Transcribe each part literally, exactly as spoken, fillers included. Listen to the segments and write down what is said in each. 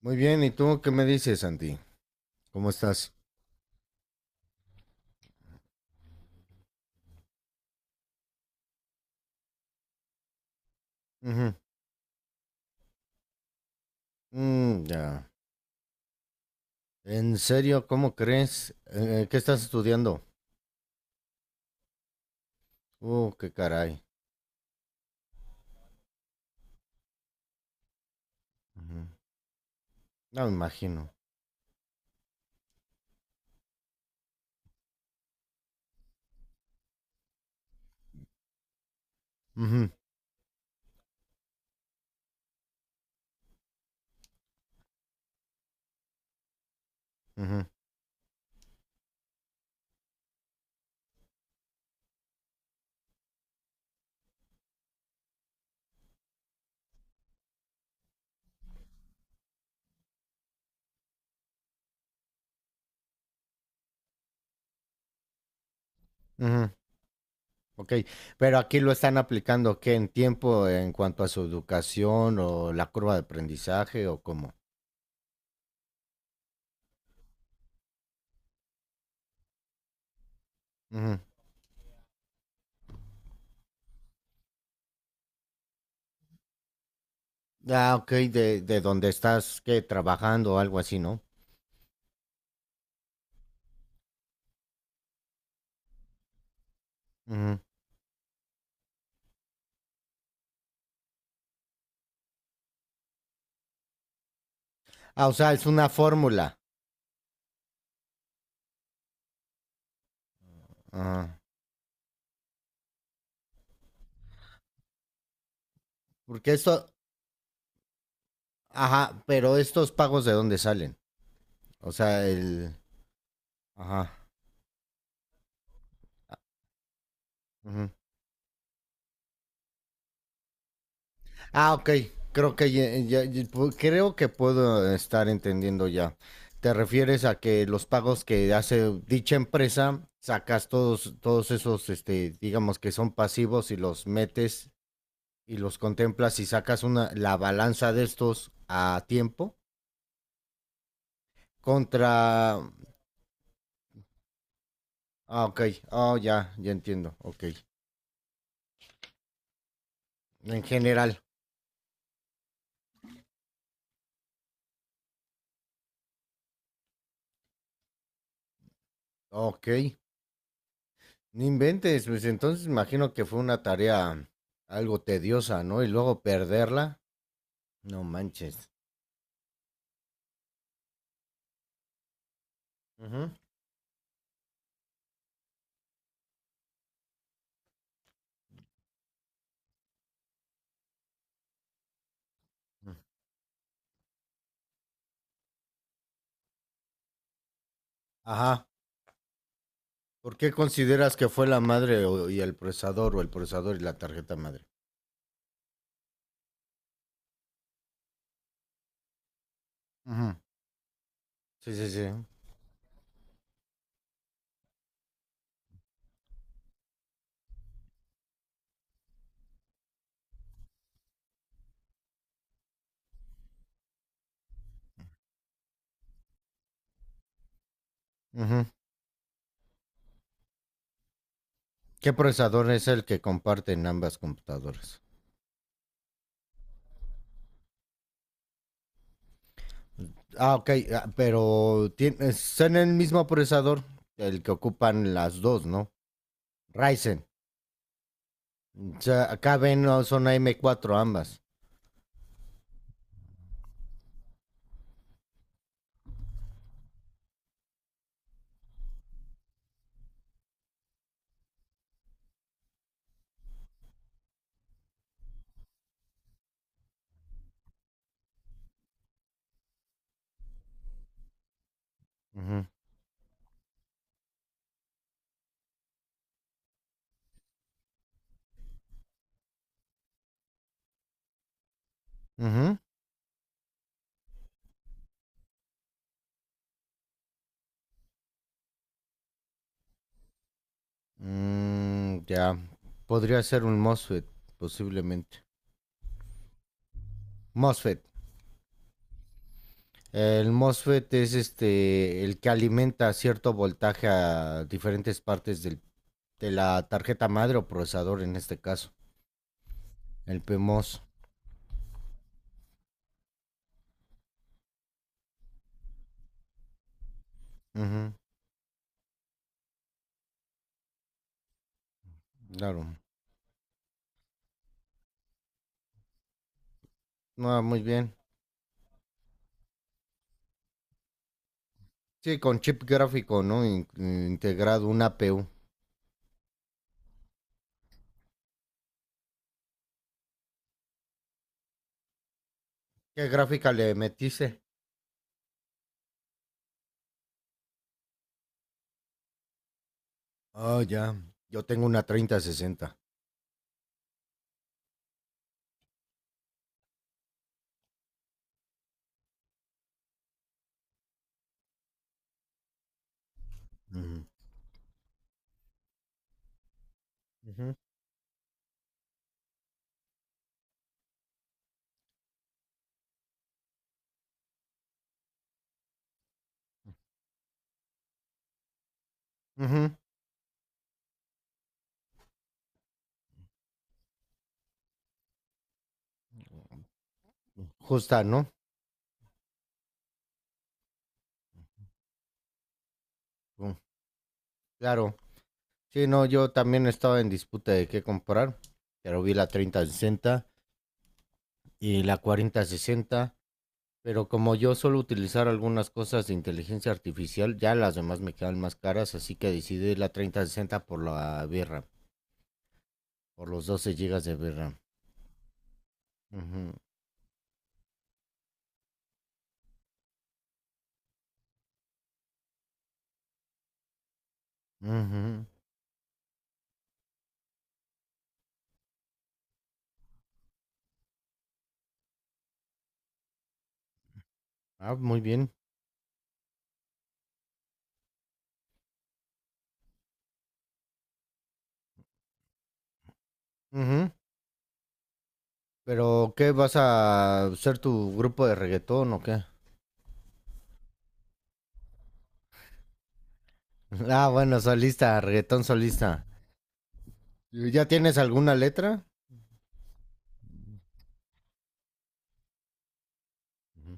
Muy bien, ¿y tú qué me dices, Santi? ¿Cómo estás? Ujú. Mm, ya. ¿En serio? ¿Cómo crees? Eh, ¿Qué estás estudiando? Uh, qué caray. Ujú. No me imagino. Ujú, ujú, ujú. Ok, pero aquí lo están aplicando, ¿qué? ¿En tiempo en cuanto a su educación o la curva de aprendizaje o cómo? Ujú. Ah, ok, de, de donde estás, ¿qué? Trabajando o algo así, ¿no? Ujú. Ah, o sea, es una fórmula. Ajá. Porque esto, ajá, ¿pero estos pagos de dónde salen? O sea, el. Ajá. Ujú. Ah, ok. Creo que, ya- ya- ya- pu- creo que puedo estar entendiendo ya. ¿Te refieres a que los pagos que hace dicha empresa, sacas todos, todos esos, este, digamos que son pasivos y los metes y los contemplas y sacas una, la balanza de estos a tiempo contra. Ah, ok. Oh, ya, ya entiendo. Ok. En general. Ok. No inventes, pues entonces imagino que fue una tarea algo tediosa, ¿no? Y luego perderla, no manches. Ujú. Ajá. ¿Por qué consideras que fue la madre o- y el procesador o el procesador y la tarjeta madre? Ujú. Sí, sí, sí. Ujú. ¿Qué procesador es el que comparten ambas computadoras? Ah, ok, ah, pero tiene, son el mismo procesador, el que ocupan las dos, ¿no? Ryzen. O sea, acá ven, no, son A M cuatro ambas. Ujú. Ujú. Mm, ya. Podría ser un MOSFET, posiblemente. MOSFET. El MOSFET es este el que alimenta cierto voltaje a diferentes partes del- de la tarjeta madre o procesador en este caso. El pe mos. Ujú, claro. Ah, muy bien. Sí, con chip gráfico, ¿no? In- integrado, una A P U. ¿Qué gráfica le metiste? Ah, ya. Yo tengo una treinta sesenta. Ujú. Ujú, Ujú. Justa, ¿no? Mm, Claro. Sí, no, yo también estaba en disputa de qué comprar, pero vi la treinta sesenta y la cuarenta sesenta, pero como yo suelo utilizar algunas cosas de inteligencia artificial, ya las demás me quedan más caras, así que decidí la treinta sesenta por la V R A M, por los doce gigas de v ram. Ujú, ujú. Ah, muy bien. Ujú. Pero, ¿qué vas a ser tu grupo de reggaetón o qué? Ah, bueno, solista, reggaetón solista. ¿Ya tienes alguna letra? Ujú.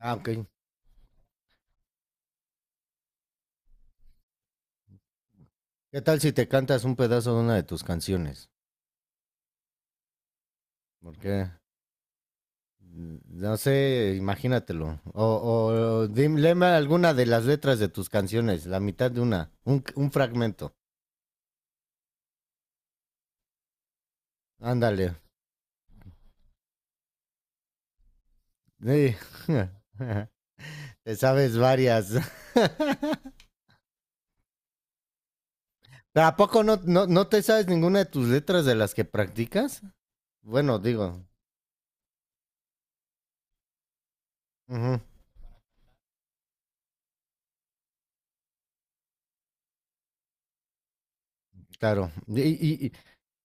Ah, ok. ¿Qué tal si te cantas un pedazo de una de tus canciones? Porque, no sé, imagínatelo. O, o dim- léeme alguna de las letras de tus canciones, la mitad de una, un, un fragmento. Ándale. Sí. Te sabes varias. ¿Pero a poco no, no, no te sabes ninguna de tus letras de las que practicas? Bueno, digo, ujú, claro. Y, y- y-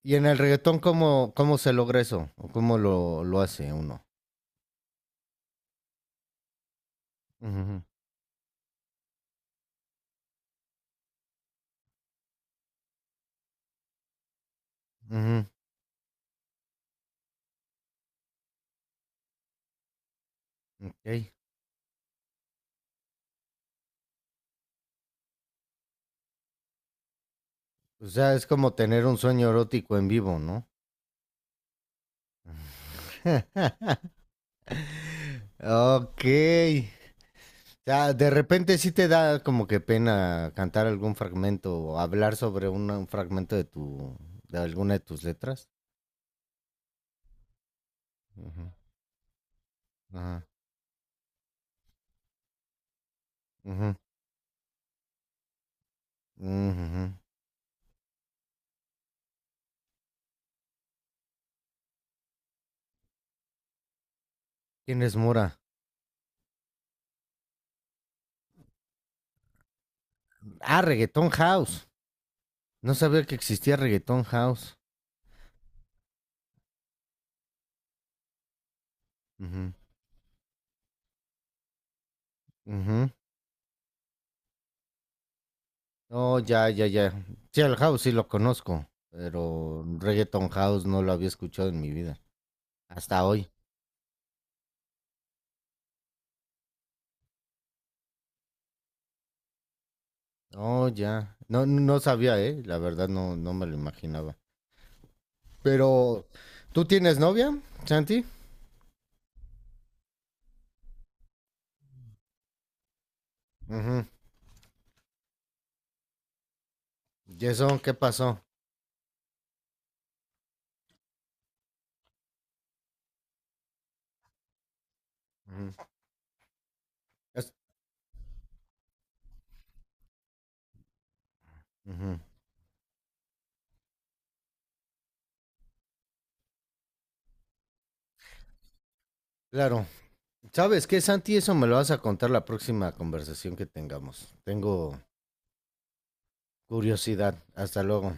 y en el reggaetón, ¿cómo, cómo se logra eso? ¿O cómo lo, lo hace uno? Ujú, ujú, ok. O sea, es como tener un sueño erótico en vivo, ¿no? Ok. O sea, de repente sí te da como que pena cantar algún fragmento o hablar sobre una- un fragmento de tu, de alguna de tus letras. Ujú, ajá, ujú, ujú. ¿Quién es Mora? Ah, Reggaeton House. No sabía que existía Reggaeton House. Ujú, ujú. Oh, ya, ya, ya. Sí, el House sí lo conozco, pero Reggaeton House no lo había escuchado en mi vida. Hasta hoy. Oh, ya. No, no sabía, ¿eh? La verdad no, no me lo imaginaba. Pero, ¿tú tienes novia, Santi? Ujú. ¿Y eso qué pasó? Ujú. Es- Ujú. Claro. ¿Sabes qué, Santi? Eso me lo vas a contar la próxima conversación que tengamos. Tengo curiosidad. Hasta luego.